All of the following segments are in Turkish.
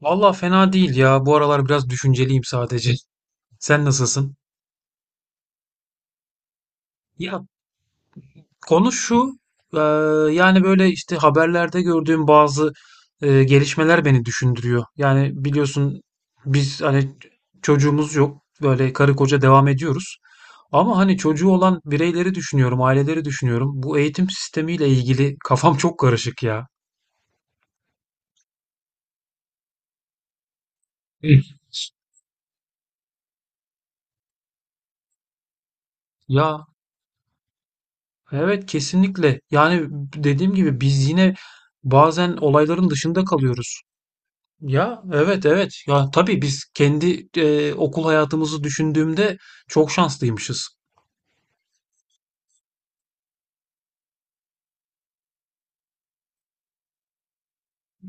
Valla fena değil ya. Bu aralar biraz düşünceliyim sadece. Sen nasılsın? Ya konu şu. eee, yani böyle işte haberlerde gördüğüm bazı gelişmeler beni düşündürüyor. Yani biliyorsun biz hani çocuğumuz yok. Böyle karı koca devam ediyoruz. Ama hani çocuğu olan bireyleri düşünüyorum, aileleri düşünüyorum. Bu eğitim sistemiyle ilgili kafam çok karışık ya. Hı. Ya, evet, kesinlikle. Yani dediğim gibi biz yine bazen olayların dışında kalıyoruz. Ya evet, evet, ya tabii biz kendi okul hayatımızı düşündüğümde çok şanslıymışız.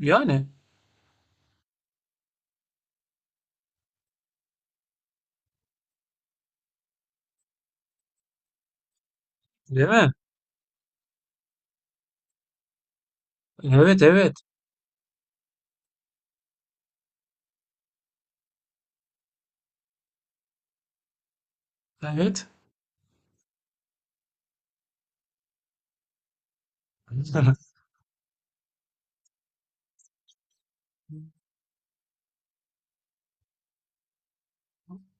Yani değil mi? Evet, evet, evet.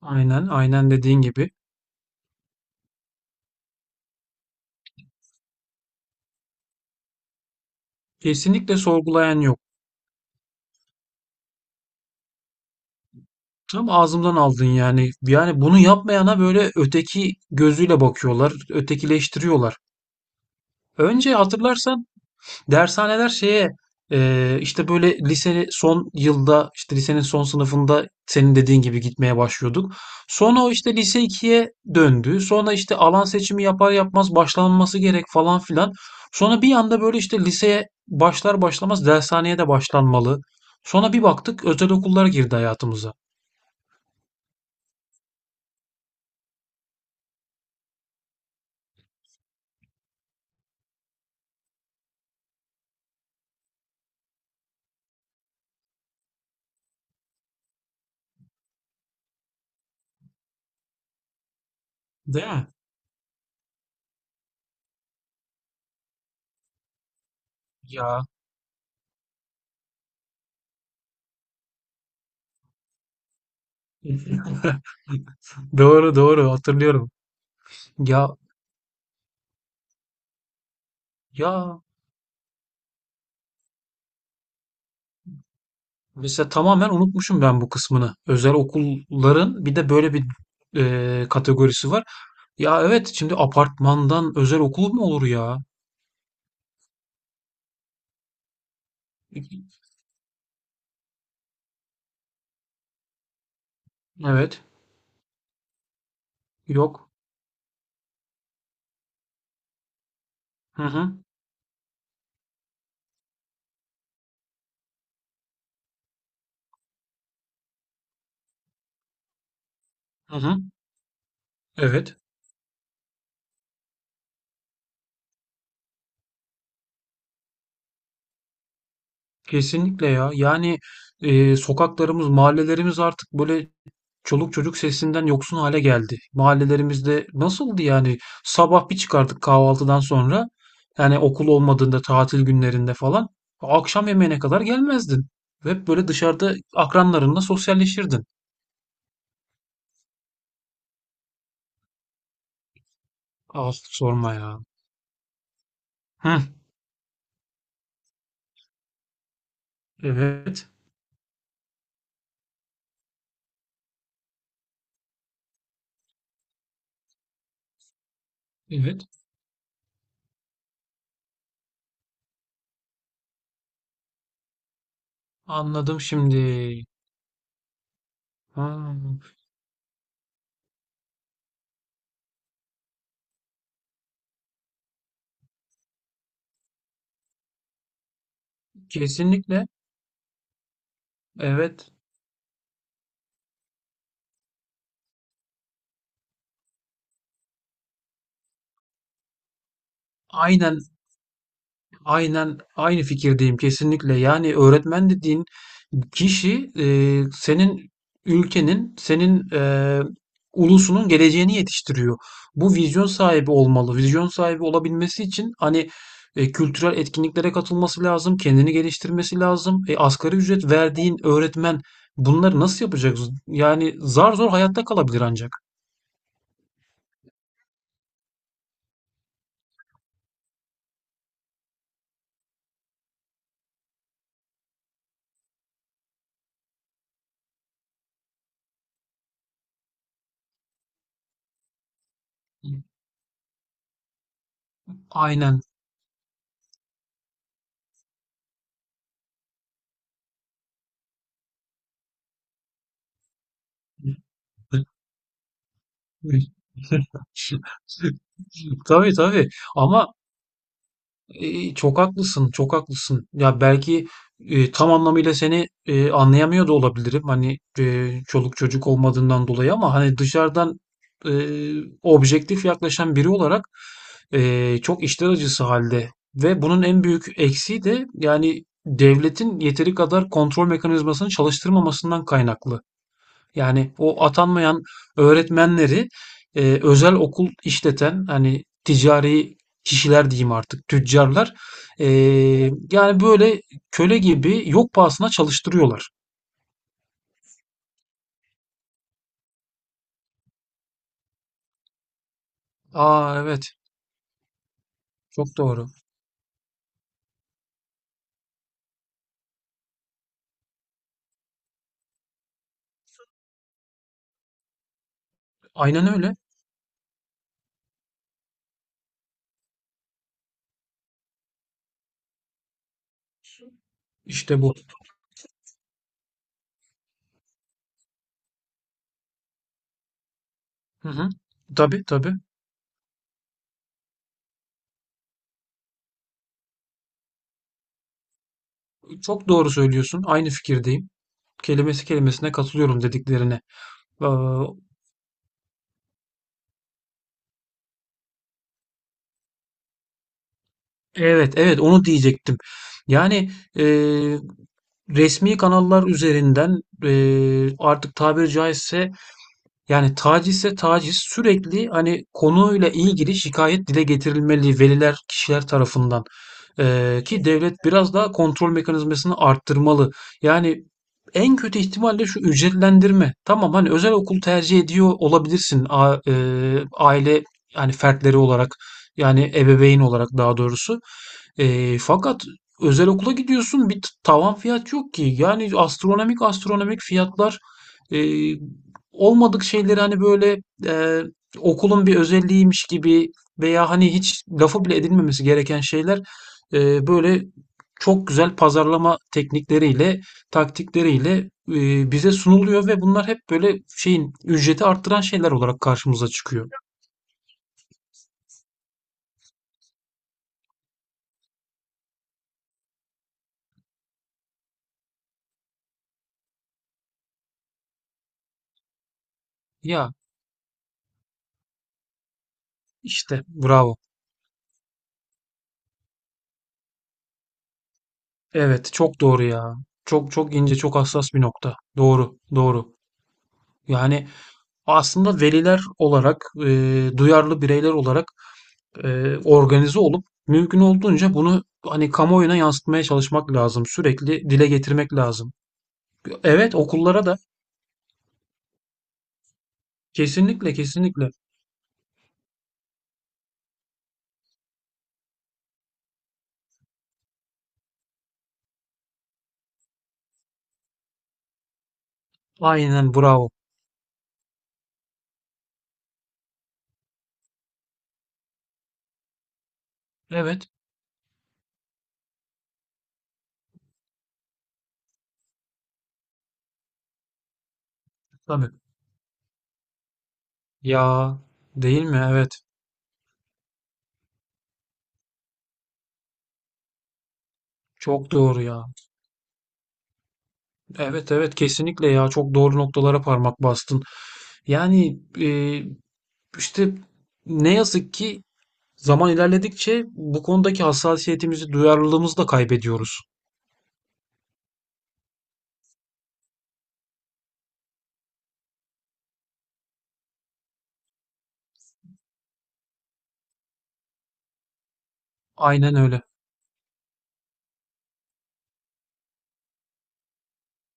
Aynen, aynen dediğin gibi. Kesinlikle sorgulayan yok. Tam ağzımdan aldın yani. Yani bunu yapmayana böyle öteki gözüyle bakıyorlar, ötekileştiriyorlar. Önce hatırlarsan dershaneler şeye işte böyle lise son yılda işte lisenin son sınıfında senin dediğin gibi gitmeye başlıyorduk. Sonra o işte lise ikiye döndü. Sonra işte alan seçimi yapar yapmaz başlanması gerek falan filan. Sonra bir anda böyle işte liseye başlar başlamaz dershaneye de başlanmalı. Sonra bir baktık özel okullar girdi hayatımıza. Değil mi? Ya. Doğru, doğru, hatırlıyorum. Ya ya mesela tamamen unutmuşum ben bu kısmını. Özel okulların bir de böyle bir kategorisi var. Ya evet şimdi apartmandan özel okul mu olur ya? Evet. Yok. Hı hı. Hı hı. Evet. Kesinlikle ya. Yani sokaklarımız, mahallelerimiz artık böyle çoluk çocuk sesinden yoksun hale geldi. Mahallelerimizde nasıldı yani? Sabah bir çıkardık kahvaltıdan sonra. Yani okul olmadığında, tatil günlerinde falan. Akşam yemeğine kadar gelmezdin. Hep böyle dışarıda akranlarınla sosyalleşirdin. Ah, sorma ya. Hı, evet. Evet. Anladım şimdi. Ha, kesinlikle. Evet. Aynen, aynen aynı fikirdeyim kesinlikle. Yani öğretmen dediğin kişi senin ülkenin, senin ulusunun geleceğini yetiştiriyor. Bu vizyon sahibi olmalı. Vizyon sahibi olabilmesi için hani kültürel etkinliklere katılması lazım, kendini geliştirmesi lazım. E, asgari ücret verdiğin öğretmen bunları nasıl yapacak? Yani zar zor hayatta kalabilir ancak. Aynen. Tabii, tabii. Ama çok haklısın, çok haklısın. Ya belki tam anlamıyla seni anlayamıyor da olabilirim. Hani çoluk çocuk olmadığından dolayı ama hani dışarıdan e, objektif yaklaşan biri olarak çok içler acısı halde. Ve bunun en büyük eksiği de yani devletin yeteri kadar kontrol mekanizmasını çalıştırmamasından kaynaklı. Yani o atanmayan öğretmenleri özel okul işleten hani ticari kişiler diyeyim artık tüccarlar e, yani böyle köle gibi yok pahasına çalıştırıyorlar. Aa, evet, çok doğru. Aynen öyle. İşte bu. Hı hı. Tabii, tabii. Çok doğru söylüyorsun. Aynı fikirdeyim. Kelimesi kelimesine katılıyorum dediklerine. Aa, evet, evet onu diyecektim. Yani e, resmi kanallar üzerinden, artık tabiri caizse yani tacizse taciz sürekli hani konuyla ilgili şikayet dile getirilmeli veliler, kişiler tarafından. Ki devlet biraz daha kontrol mekanizmasını arttırmalı. Yani en kötü ihtimalle şu ücretlendirme. Tamam hani özel okul tercih ediyor olabilirsin aile yani fertleri olarak yani ebeveyn olarak daha doğrusu. Fakat özel okula gidiyorsun bir tavan fiyat yok ki. Yani astronomik, astronomik fiyatlar. e, Olmadık şeyleri hani böyle okulun bir özelliğiymiş gibi veya hani hiç lafı bile edilmemesi gereken şeyler böyle çok güzel pazarlama teknikleriyle, taktikleriyle bize sunuluyor ve bunlar hep böyle şeyin ücreti arttıran şeyler olarak karşımıza çıkıyor. Ya işte bravo. Evet, çok doğru ya. Çok çok ince, çok hassas bir nokta. Doğru, doğru. Yani aslında veliler olarak, duyarlı bireyler olarak organize olup mümkün olduğunca bunu hani kamuoyuna yansıtmaya çalışmak lazım. Sürekli dile getirmek lazım. Evet, okullara da kesinlikle, kesinlikle. Aynen bravo. Evet tabii. Ya değil mi? Evet. Çok doğru ya. Evet, evet, kesinlikle ya. Çok doğru noktalara parmak bastın. Yani işte ne yazık ki zaman ilerledikçe bu konudaki hassasiyetimizi, duyarlılığımızı da kaybediyoruz. Aynen öyle.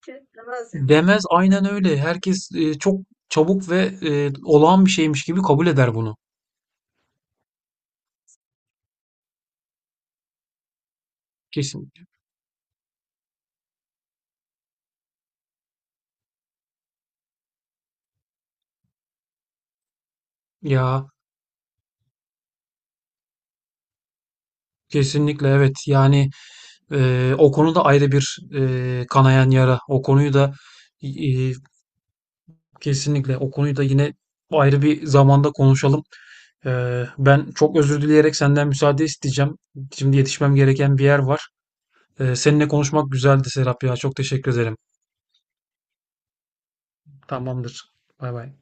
Yani. Demez aynen öyle. Herkes çok çabuk ve olağan bir şeymiş gibi kabul eder bunu. Kesin. Ya kesinlikle evet. Yani o konuda ayrı bir kanayan yara. O konuyu da e, kesinlikle o konuyu da yine ayrı bir zamanda konuşalım. E, ben çok özür dileyerek senden müsaade isteyeceğim. Şimdi yetişmem gereken bir yer var. E, seninle konuşmak güzeldi, Serap ya. Çok teşekkür ederim. Tamamdır. Bay bay.